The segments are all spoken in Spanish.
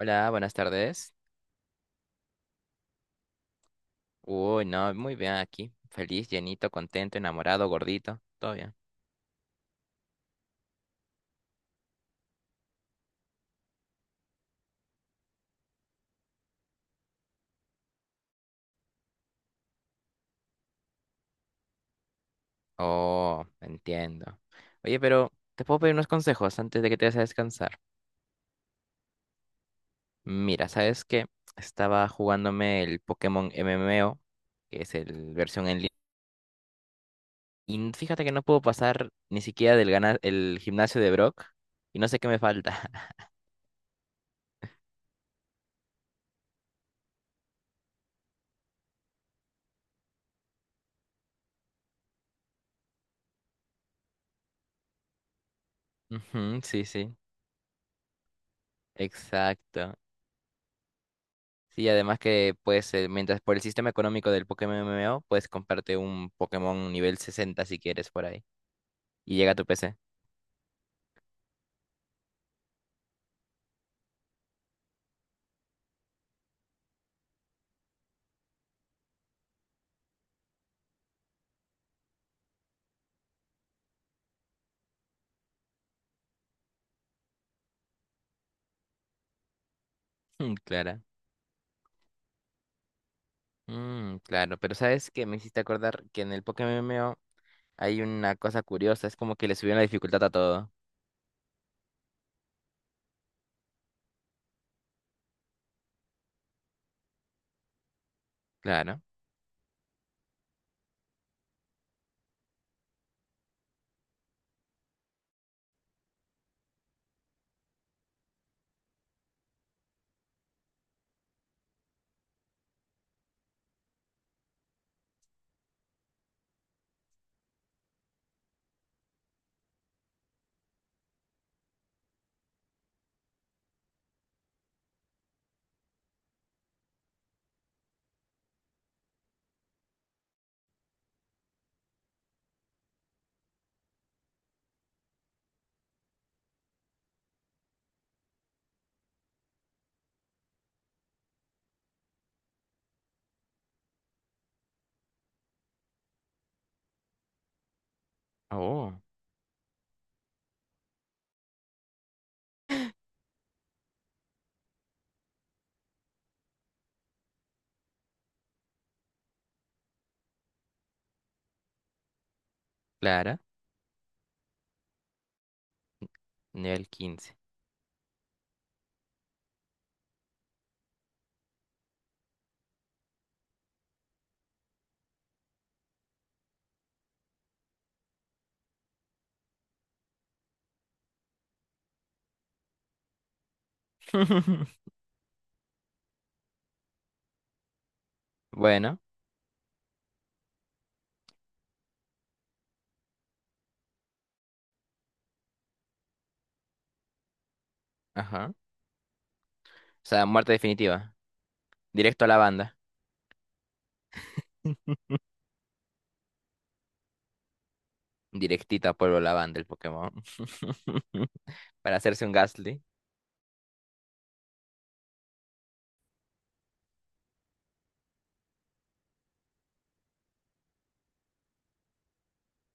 Hola, buenas tardes. Uy, no, muy bien aquí. Feliz, llenito, contento, enamorado, gordito. Todo bien. Oh, entiendo. Oye, pero te puedo pedir unos consejos antes de que te vayas a descansar. Mira, ¿sabes qué? Estaba jugándome el Pokémon MMO, que es el versión en línea. Y fíjate que no puedo pasar ni siquiera del el gimnasio de Brock. Y no sé qué me falta. Ujú, sí, sí. Exacto. Sí, además que pues mientras por el sistema económico del Pokémon MMO, puedes comprarte un Pokémon nivel 60 si quieres por ahí. Y llega a tu PC. Mm, claro. Mm, claro, pero ¿sabes qué? Me hiciste acordar que en el Pokémon MMO hay una cosa curiosa, es como que le subieron la dificultad a todo. Claro. Oh, claro. Nivel 15. Bueno, ajá. O sea, muerte definitiva. Directo a la banda. Directita a la banda el Pokémon. Para hacerse un Gastly.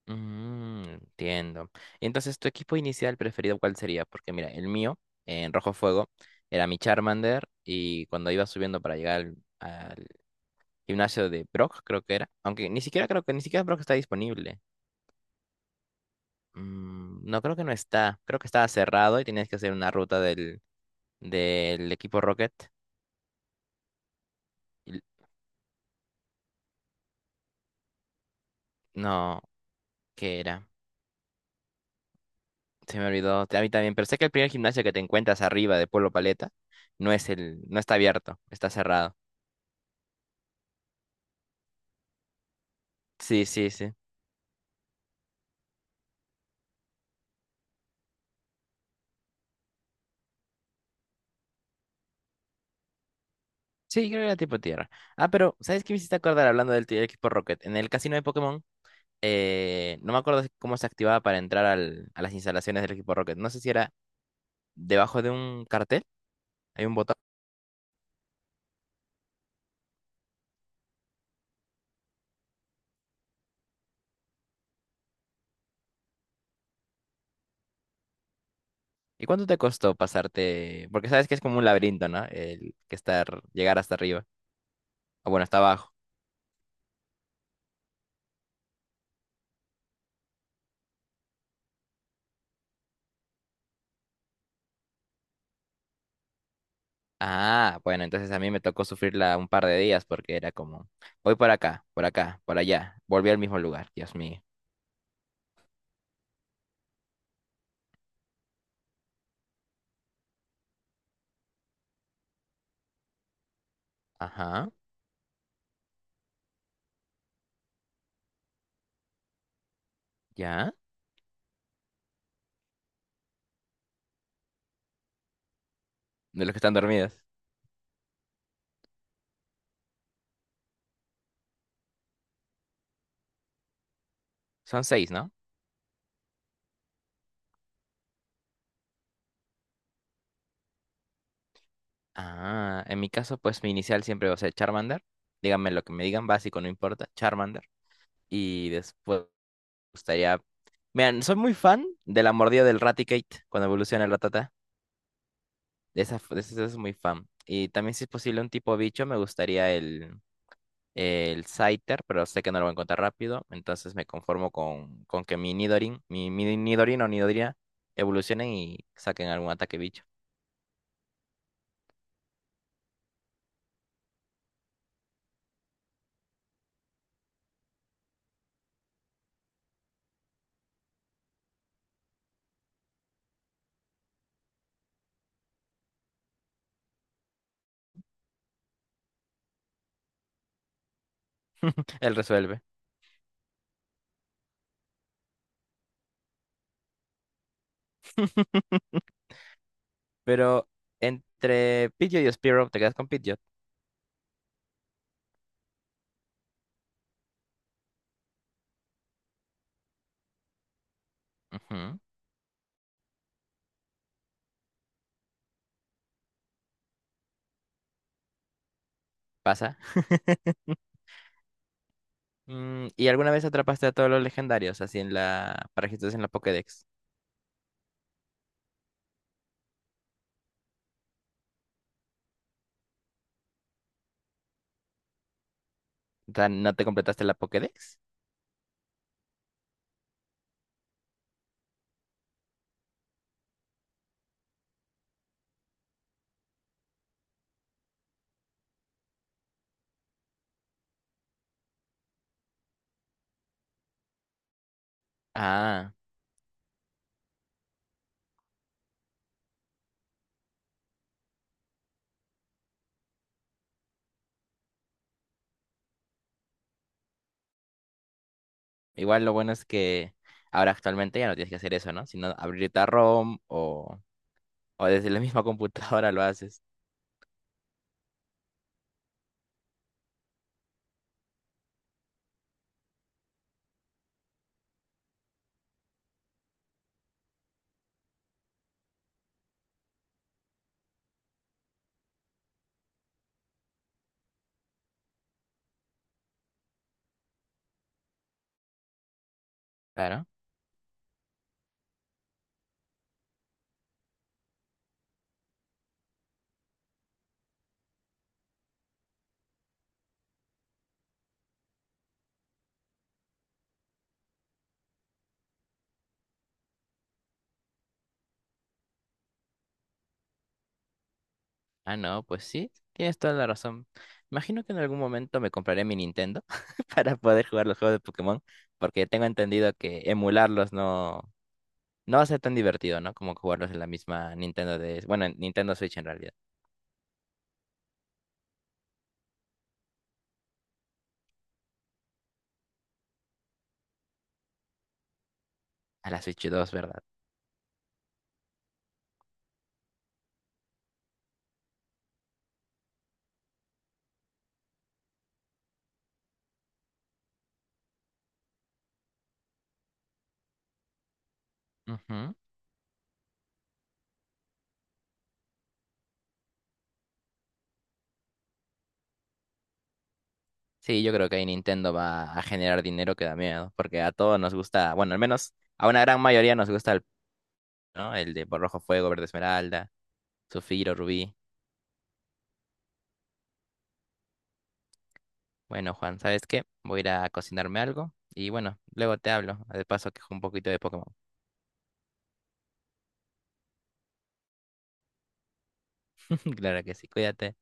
Mm, entiendo. Y entonces, ¿tu equipo inicial preferido cuál sería? Porque mira, el mío, en Rojo Fuego, era mi Charmander y cuando iba subiendo para llegar al gimnasio de Brock, creo que era, aunque ni siquiera creo que ni siquiera Brock está disponible. Mm, no creo que no está, creo que estaba cerrado y tenías que hacer una ruta del equipo Rocket. Y- No, ¿qué era? Se me olvidó, a mí también, pero sé que el primer gimnasio que te encuentras arriba de Pueblo Paleta no es el, no está abierto, está cerrado. Sí, sí, sí. Sí, creo que era tipo tierra. Ah, pero, ¿sabes qué me hiciste acordar hablando del equipo Rocket? En el casino de Pokémon, no me acuerdo cómo se activaba para entrar a las instalaciones del equipo Rocket. No sé si era debajo de un cartel, hay un botón. ¿Y cuánto te costó pasarte? Porque sabes que es como un laberinto, ¿no? El que estar, llegar hasta arriba. Ah, bueno, hasta abajo. Ah, bueno, entonces a mí me tocó sufrirla un par de días porque era como, voy por acá, por acá, por allá. Volví al mismo lugar, Dios mío. Ajá, ya. De los que están dormidos. Son seis, ¿no? Ah, en mi caso, pues mi inicial siempre va a ser Charmander. Díganme lo que me digan, básico, no importa, Charmander. Y después me gustaría... Miren, soy muy fan de la mordida del Raticate cuando evoluciona el Rattata. De esa, f- de esa es muy fan. Y también si es posible un tipo bicho, me gustaría el, Scyther, pero sé que no lo voy a encontrar rápido. Entonces me conformo con que mi Nidorin o Nidorina evolucionen y saquen algún ataque bicho. Él resuelve. Pero entre Pidgeot y Spearow te quedas con Pidgeot. Ujú, pasa. Mm, ¿y alguna vez atrapaste a todos los legendarios así en la... para registros en la Pokédex? O sea, ¿no te completaste la Pokédex? Ah, igual lo bueno es que ahora actualmente ya no tienes que hacer eso, ¿no? Sino abrirte a ROM o desde la misma computadora lo haces. Claro. Ah, no, pues sí, tienes toda la razón. Imagino que en algún momento me compraré mi Nintendo para poder jugar los juegos de Pokémon, porque tengo entendido que emularlos no va a ser tan divertido, ¿no? Como jugarlos en la misma Nintendo de, bueno, en Nintendo Switch en realidad, a la Switch 2, ¿verdad? Ujú. Sí, yo creo que ahí Nintendo va a generar dinero que da miedo, porque a todos nos gusta, bueno, al menos a una gran mayoría nos gusta el, ¿no? El de rojo fuego, verde esmeralda, zafiro, rubí. Bueno, Juan, ¿sabes qué? Voy a ir a cocinarme algo y bueno, luego te hablo. De paso, que juego un poquito de Pokémon. Claro que sí, cuídate.